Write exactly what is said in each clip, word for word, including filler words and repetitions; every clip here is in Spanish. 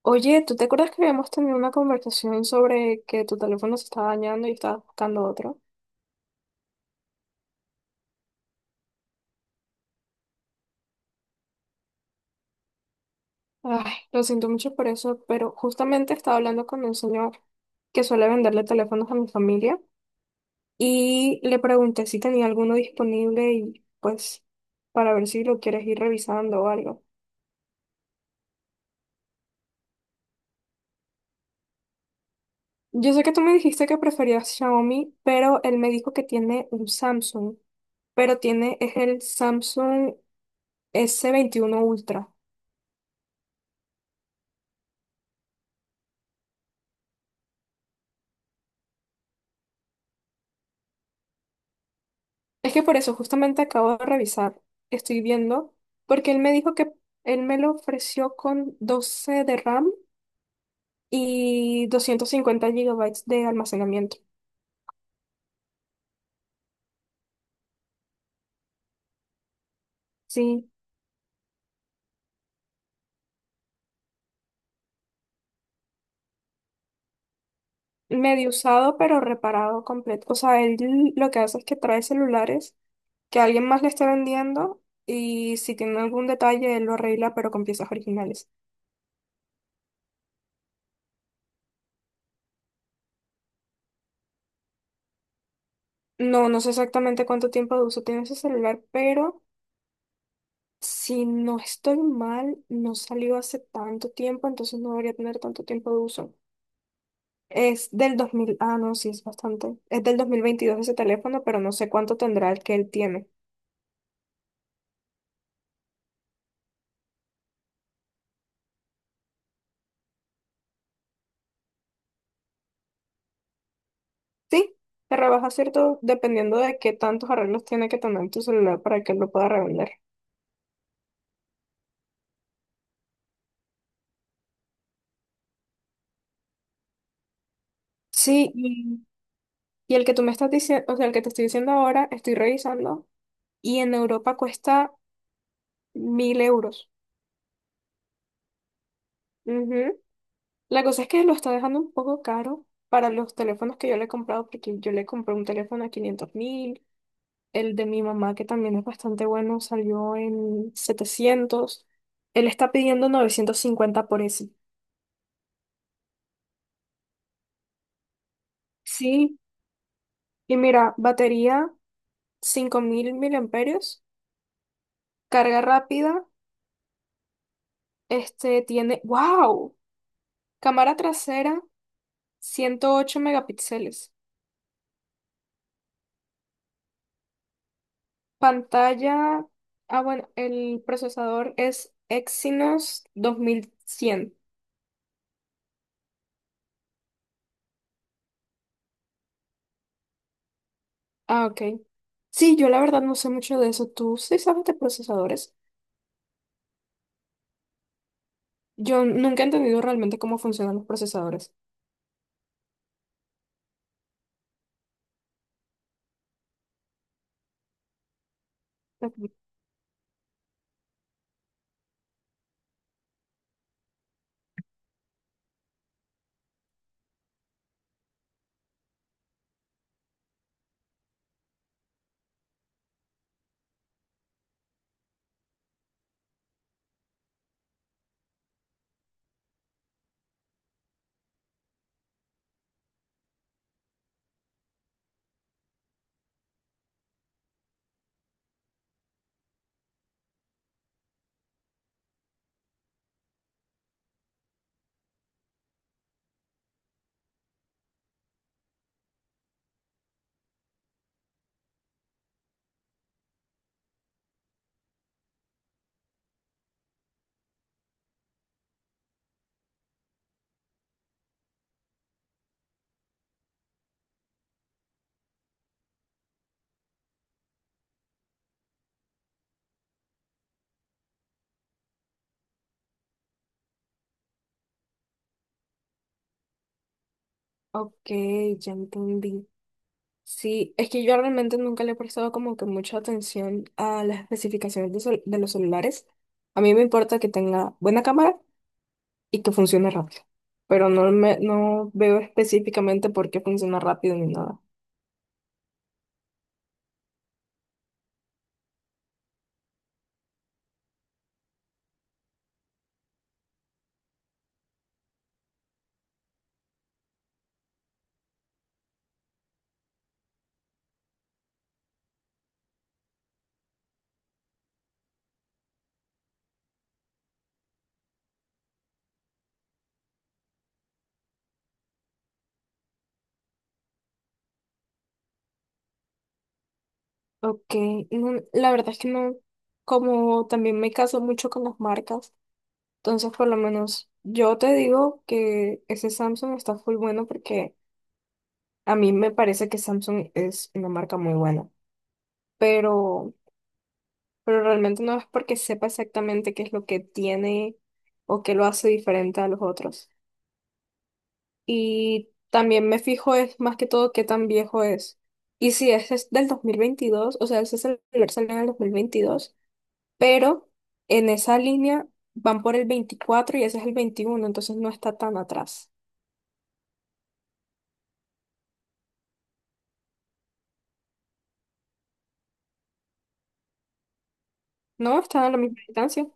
Oye, ¿tú te acuerdas que habíamos tenido una conversación sobre que tu teléfono se estaba dañando y estabas buscando otro? Ay, lo siento mucho por eso, pero justamente estaba hablando con un señor que suele venderle teléfonos a mi familia y le pregunté si tenía alguno disponible y pues para ver si lo quieres ir revisando o algo. Yo sé que tú me dijiste que preferías Xiaomi, pero él me dijo que tiene un Samsung, pero tiene es el Samsung s veintiuno Ultra. Es que por eso justamente acabo de revisar, estoy viendo, porque él me dijo que él me lo ofreció con doce de RAM y doscientos cincuenta gigabytes de almacenamiento. Sí, medio usado pero reparado completo. O sea, él lo que hace es que trae celulares que alguien más le está vendiendo y si tiene algún detalle él lo arregla pero con piezas originales. No, no sé exactamente cuánto tiempo de uso tiene ese celular, pero si no estoy mal, no salió hace tanto tiempo, entonces no debería tener tanto tiempo de uso. Es del dos mil, ah, no, sí, es bastante. Es del dos mil veintidós ese teléfono, pero no sé cuánto tendrá el que él tiene. Sí, se rebaja, ¿cierto? Dependiendo de qué tantos arreglos tiene que tener tu celular para que él lo pueda revender. Sí, y, y el que tú me estás diciendo, o sea, el que te estoy diciendo ahora, estoy revisando, y en Europa cuesta mil euros. Ujú. La cosa es que lo está dejando un poco caro para los teléfonos que yo le he comprado, porque yo le compré un teléfono a quinientos mil, el de mi mamá, que también es bastante bueno, salió en setecientos. Él está pidiendo novecientos cincuenta por ese. Sí, y mira, batería cinco mil miliamperios, carga rápida, este tiene, wow, cámara trasera ciento ocho megapíxeles. Pantalla, ah, bueno, el procesador es Exynos dos mil cien. Ah, ok. Sí, yo la verdad no sé mucho de eso. ¿Tú sí sabes de procesadores? Yo nunca he entendido realmente cómo funcionan los procesadores. Ujú. Ok, ya entendí. Sí, es que yo realmente nunca le he prestado como que mucha atención a las especificaciones de, cel- de los celulares. A mí me importa que tenga buena cámara y que funcione rápido. Pero no me, no veo específicamente por qué funciona rápido ni nada. Ok, no, la verdad es que no, como también me caso mucho con las marcas, entonces por lo menos yo te digo que ese Samsung está full bueno porque a mí me parece que Samsung es una marca muy buena, pero, pero realmente no es porque sepa exactamente qué es lo que tiene o qué lo hace diferente a los otros. Y también me fijo es más que todo qué tan viejo es. Y si ese es del dos mil veintidós, o sea, ese celular salió en el dos mil veintidós, pero en esa línea van por el veinticuatro y ese es el veintiuno, entonces no está tan atrás. No, están a la misma distancia.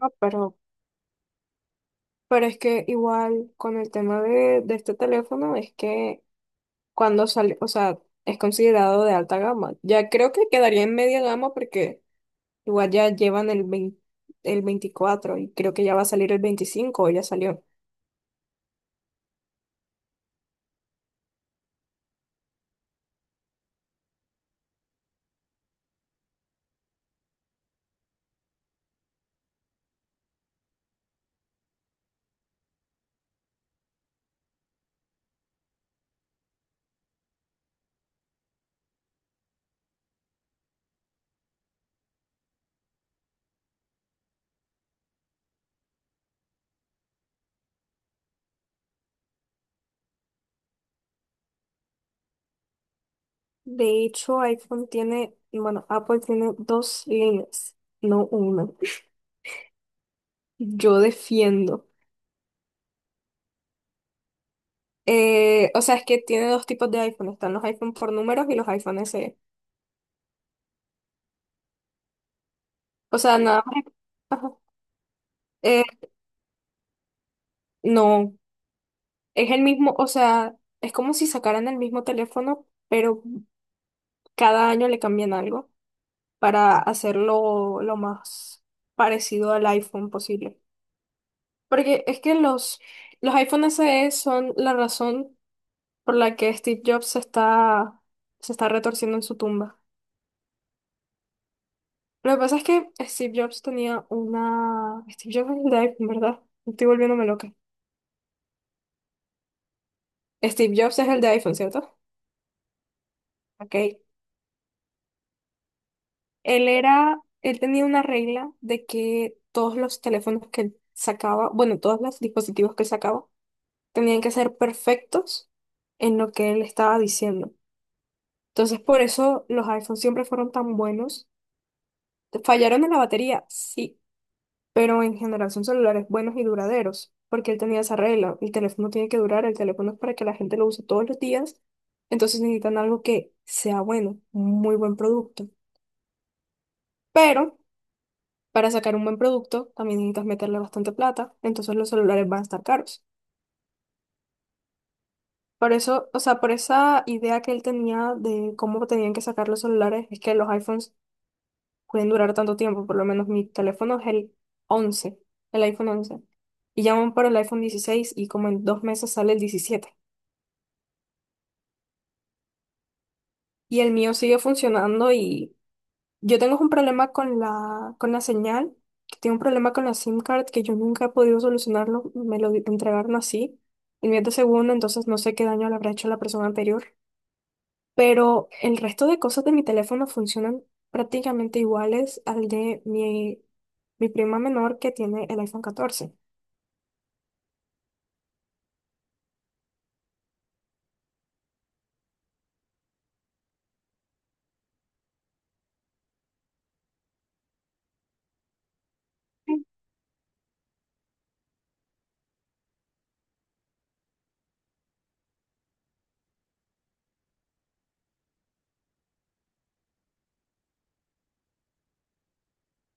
No, pero, pero es que igual con el tema de, de este teléfono es que cuando sale, o sea, es considerado de alta gama. Ya creo que quedaría en media gama porque igual ya llevan el veinte, el veinticuatro y creo que ya va a salir el veinticinco o ya salió. De hecho, iPhone tiene, bueno, Apple tiene dos líneas, no una. Yo defiendo. Eh, o sea, es que tiene dos tipos de iPhone. Están los iPhone por números y los iPhone S E. O sea, nada más. Ajá. Eh, no, es el mismo, o sea, es como si sacaran el mismo teléfono, pero cada año le cambian algo para hacerlo lo más parecido al iPhone posible. Porque es que los, los iPhone S E son la razón por la que Steve Jobs se está, se está retorciendo en su tumba. Lo que pasa es que Steve Jobs tenía una. Steve Jobs es el de iPhone, ¿verdad? Estoy volviéndome loca. Steve Jobs es el de iPhone, ¿cierto? Ok. Él era. Él tenía una regla de que todos los teléfonos que él sacaba, bueno, todos los dispositivos que él sacaba, tenían que ser perfectos en lo que él estaba diciendo. Entonces, por eso los iPhones siempre fueron tan buenos. Fallaron en la batería, sí, pero en general son celulares buenos y duraderos, porque él tenía esa regla, el teléfono tiene que durar, el teléfono es para que la gente lo use todos los días, entonces necesitan algo que sea bueno, un muy buen producto. Pero para sacar un buen producto también necesitas meterle bastante plata, entonces los celulares van a estar caros. Por eso, o sea, por esa idea que él tenía de cómo tenían que sacar los celulares, es que los iPhones pueden durar tanto tiempo. Por lo menos mi teléfono es el once, el iPhone once. Y llaman para el iPhone dieciséis y como en dos meses sale el diecisiete. Y el mío sigue funcionando y yo tengo un problema con la, con la señal, que tengo un problema con la SIM card que yo nunca he podido solucionarlo. Me lo di- entregaron así. El mío es de segundo, entonces no sé qué daño le habrá hecho a la persona anterior. Pero el resto de cosas de mi teléfono funcionan prácticamente iguales al de mi mi prima menor que tiene el iPhone catorce.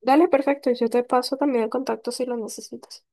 Dale, perfecto. Yo te paso también el contacto si lo necesitas.